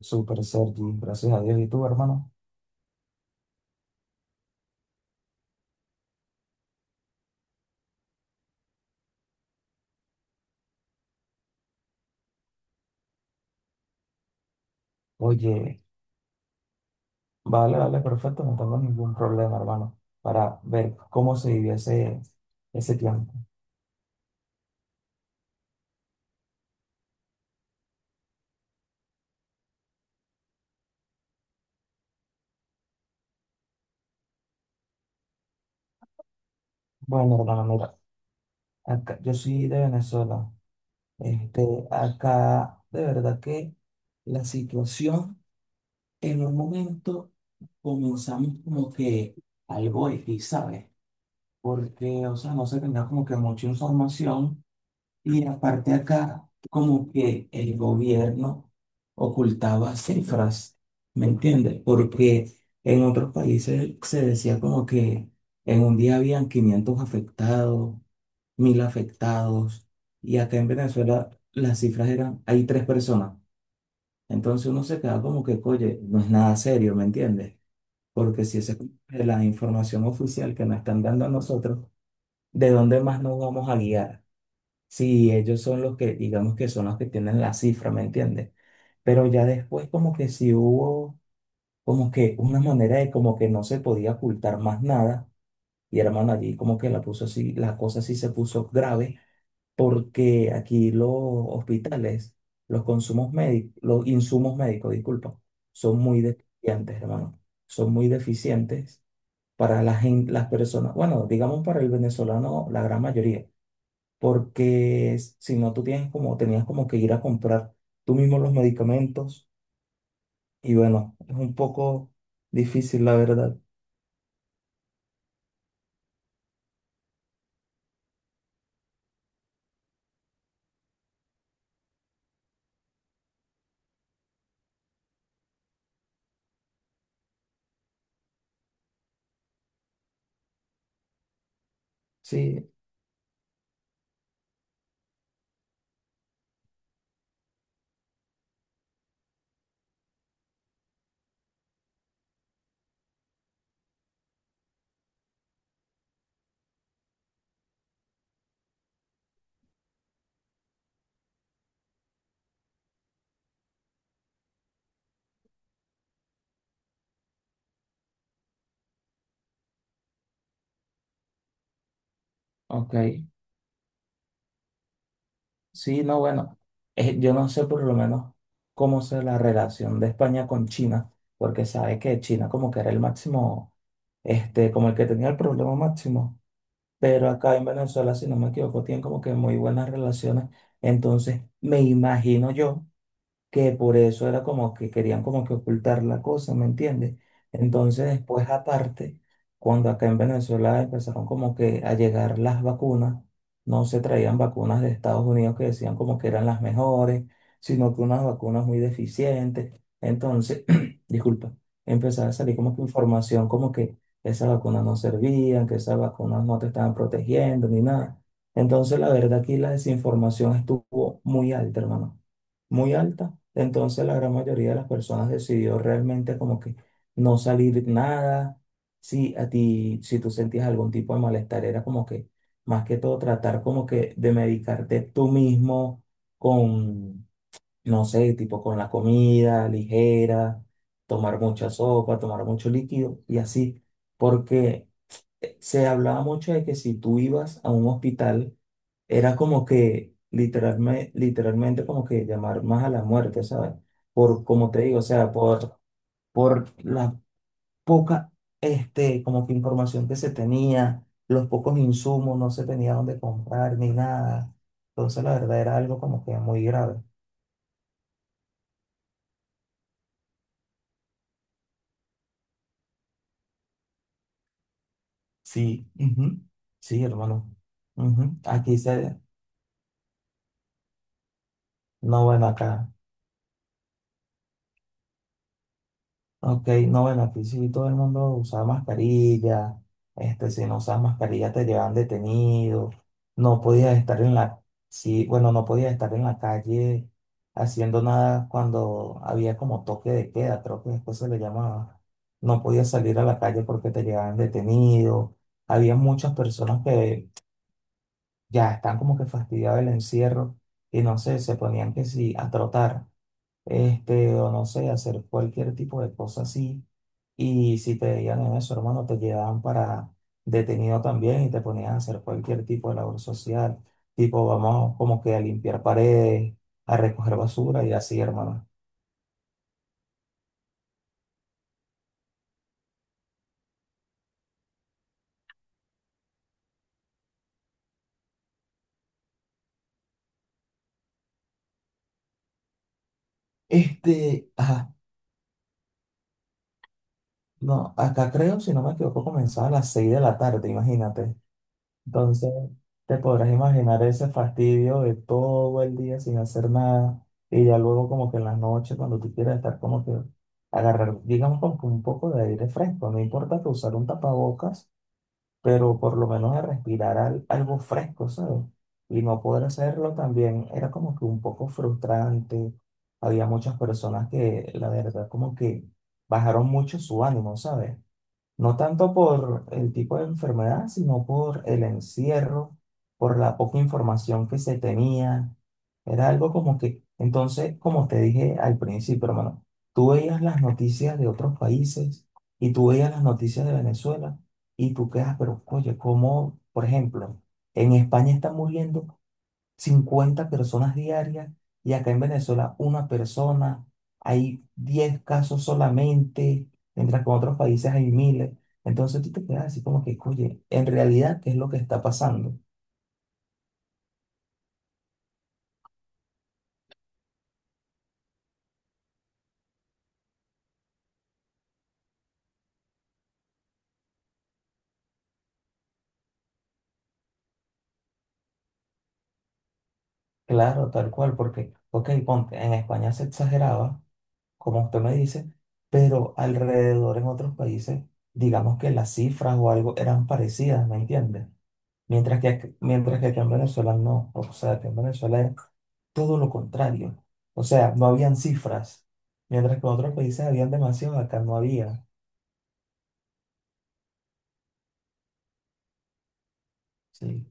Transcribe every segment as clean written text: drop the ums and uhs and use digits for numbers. Súper, Sergi, gracias a Dios. ¿Y tú, hermano? Oye, vale, vale, perfecto, no tengo ningún problema, hermano, para ver cómo se vivió ese tiempo. Bueno, hermano, mira, acá, yo soy de Venezuela. Este, acá, de verdad que la situación en un momento comenzamos como que algo X, ¿sabes? Porque, o sea, no se tenía como que mucha información. Y aparte acá, como que el gobierno ocultaba cifras, ¿me entiendes? Porque en otros países se decía como que en un día habían 500 afectados, 1.000 afectados, y acá en Venezuela las cifras eran, hay tres personas. Entonces uno se queda como que, oye, no es nada serio, ¿me entiendes? Porque si esa es la información oficial que nos están dando a nosotros, ¿de dónde más nos vamos a guiar? Sí, ellos son los que, digamos que son los que tienen la cifra, ¿me entiendes? Pero ya después como que sí hubo como que una manera de como que no se podía ocultar más nada. Y hermano, allí como que la puso así, la cosa sí se puso grave, porque aquí los hospitales, los consumos médicos, los insumos médicos, disculpa, son muy deficientes, hermano. Son muy deficientes para la las personas, bueno, digamos para el venezolano, la gran mayoría porque si no tú tienes como, tenías como que ir a comprar tú mismo los medicamentos y bueno, es un poco difícil la verdad. Sí, ok. Sí, no, bueno, yo no sé por lo menos cómo sea la relación de España con China, porque sabe que China como que era el máximo, este, como el que tenía el problema máximo, pero acá en Venezuela, si no me equivoco, tienen como que muy buenas relaciones, entonces me imagino yo que por eso era como que querían como que ocultar la cosa, ¿me entiendes? Entonces después aparte, cuando acá en Venezuela empezaron como que a llegar las vacunas, no se traían vacunas de Estados Unidos que decían como que eran las mejores, sino que unas vacunas muy deficientes. Entonces, disculpa, empezaba a salir como que información como que esas vacunas no servían, que esas vacunas no te estaban protegiendo ni nada. Entonces, la verdad aquí la desinformación estuvo muy alta, hermano muy alta. Entonces la gran mayoría de las personas decidió realmente como que no salir nada. Si a ti, si tú sentías algún tipo de malestar, era como que más que todo tratar como que de medicarte tú mismo con, no sé, tipo con la comida ligera, tomar mucha sopa, tomar mucho líquido y así. Porque se hablaba mucho de que si tú ibas a un hospital, era como que literalmente, literalmente como que llamar más a la muerte, ¿sabes? Por, como te digo, o sea, por la poca, este, como que información que se tenía, los pocos insumos, no se tenía dónde comprar ni nada. Entonces, la verdad era algo como que muy grave. Sí, ujú, sí, hermano. Ujú, aquí se, no, bueno, acá. Ok, no, bueno, aquí sí todo el mundo usaba mascarilla, este, si no usabas mascarilla te llevaban detenido, no podías estar en la, sí, bueno, no podías estar en la calle haciendo nada cuando había como toque de queda, creo que después se le llamaba, no podías salir a la calle porque te llevaban detenido, había muchas personas que ya están como que fastidiadas del encierro y no sé, se ponían que sí, a trotar, este, o no sé, a hacer cualquier tipo de cosa así y si te veían en eso, hermano, te llevaban para detenido también y te ponían a hacer cualquier tipo de labor social, tipo vamos como que a limpiar paredes, a recoger basura y así, hermano. Este, ajá, no, acá creo, si no me equivoco, comenzaba a las 6 de la tarde, imagínate. Entonces, te podrás imaginar ese fastidio de todo el día sin hacer nada y ya luego como que en las noches cuando tú quieras estar como que agarrar, digamos como que un poco de aire fresco, no importa que usar un tapabocas pero por lo menos a respirar algo fresco, ¿sabes? Y no poder hacerlo también era como que un poco frustrante. Había muchas personas que, la verdad, como que bajaron mucho su ánimo, ¿sabes? No tanto por el tipo de enfermedad, sino por el encierro, por la poca información que se tenía. Era algo como que, entonces, como te dije al principio, hermano, tú veías las noticias de otros países y tú veías las noticias de Venezuela y tú quedas, pero oye, ¿cómo, por ejemplo, en España están muriendo 50 personas diarias y acá en Venezuela una persona, hay 10 casos solamente, mientras que en otros países hay miles? Entonces tú te quedas así como que, oye, en realidad, ¿qué es lo que está pasando? Claro, tal cual, porque, ok, ponte, en España se exageraba, como usted me dice, pero alrededor en otros países, digamos que las cifras o algo eran parecidas, ¿me entiendes? Mientras que, mientras que aquí en Venezuela no, o sea, que en Venezuela todo lo contrario. O sea, no habían cifras, mientras que en otros países habían demasiado, acá no había. Sí.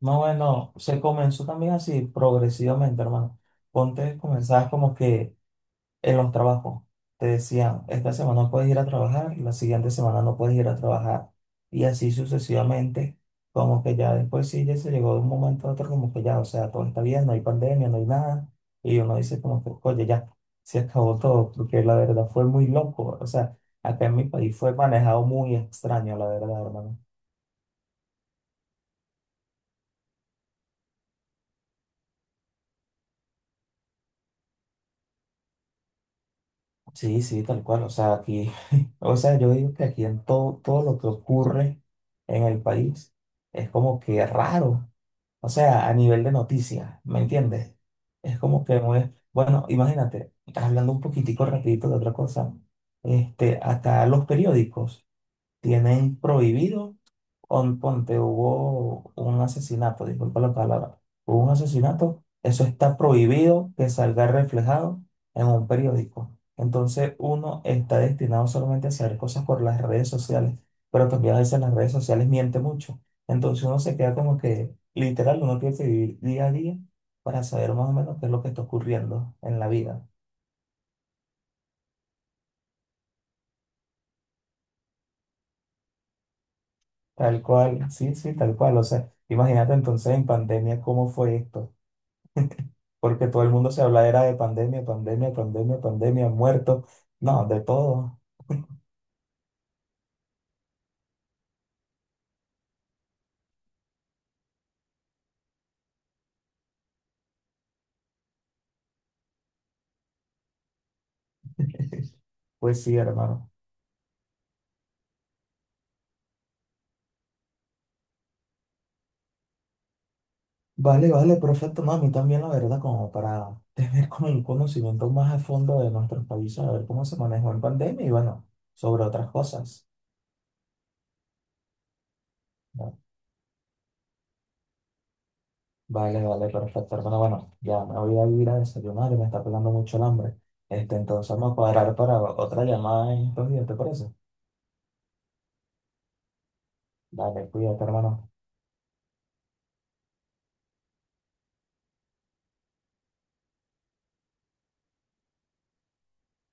No, bueno, se comenzó también así progresivamente, hermano. Ponte, comenzabas como que en los trabajos. Te decían, esta semana puedes ir a trabajar, la siguiente semana no puedes ir a trabajar. Y así sucesivamente, como que ya después sí, ya se llegó de un momento a otro, como que ya, o sea, todo está bien, no hay pandemia, no hay nada. Y uno dice como que, oye, ya, se acabó todo, porque la verdad fue muy loco. O sea, acá en mi país fue manejado muy extraño, la verdad, hermano. Sí, sí, tal cual. O sea, aquí, o sea, yo digo que aquí en todo, todo lo que ocurre en el país es como que raro. O sea, a nivel de noticias, ¿me entiendes? Es como que no es- bueno, imagínate, hablando un poquitico rapidito de otra cosa, este, acá los periódicos tienen prohibido. Ponte, hubo un asesinato, disculpa la palabra, hubo un asesinato, eso está prohibido que salga reflejado en un periódico. Entonces uno está destinado solamente a hacer cosas por las redes sociales, pero también a veces las redes sociales miente mucho. Entonces uno se queda como que, literal, uno tiene que vivir día a día para saber más o menos qué es lo que está ocurriendo en la vida. Tal cual, sí, sí, tal cual. O sea, imagínate entonces en pandemia cómo fue esto porque todo el mundo se habla era de pandemia, pandemia, pandemia, pandemia, muerto, no, de todo. Pues sí, hermano. Vale, vale, perfecto, mami también la verdad, como para tener como un conocimiento más a fondo de nuestros países, a ver cómo se manejó en pandemia y bueno, sobre otras cosas. ¿No? Vale, vale, perfecto, hermano. Bueno, ya me voy a ir a desayunar y me está pegando mucho el hambre. Este, entonces vamos a cuadrar para otra llamada en estos días, ¿te parece? Vale, cuídate, hermano.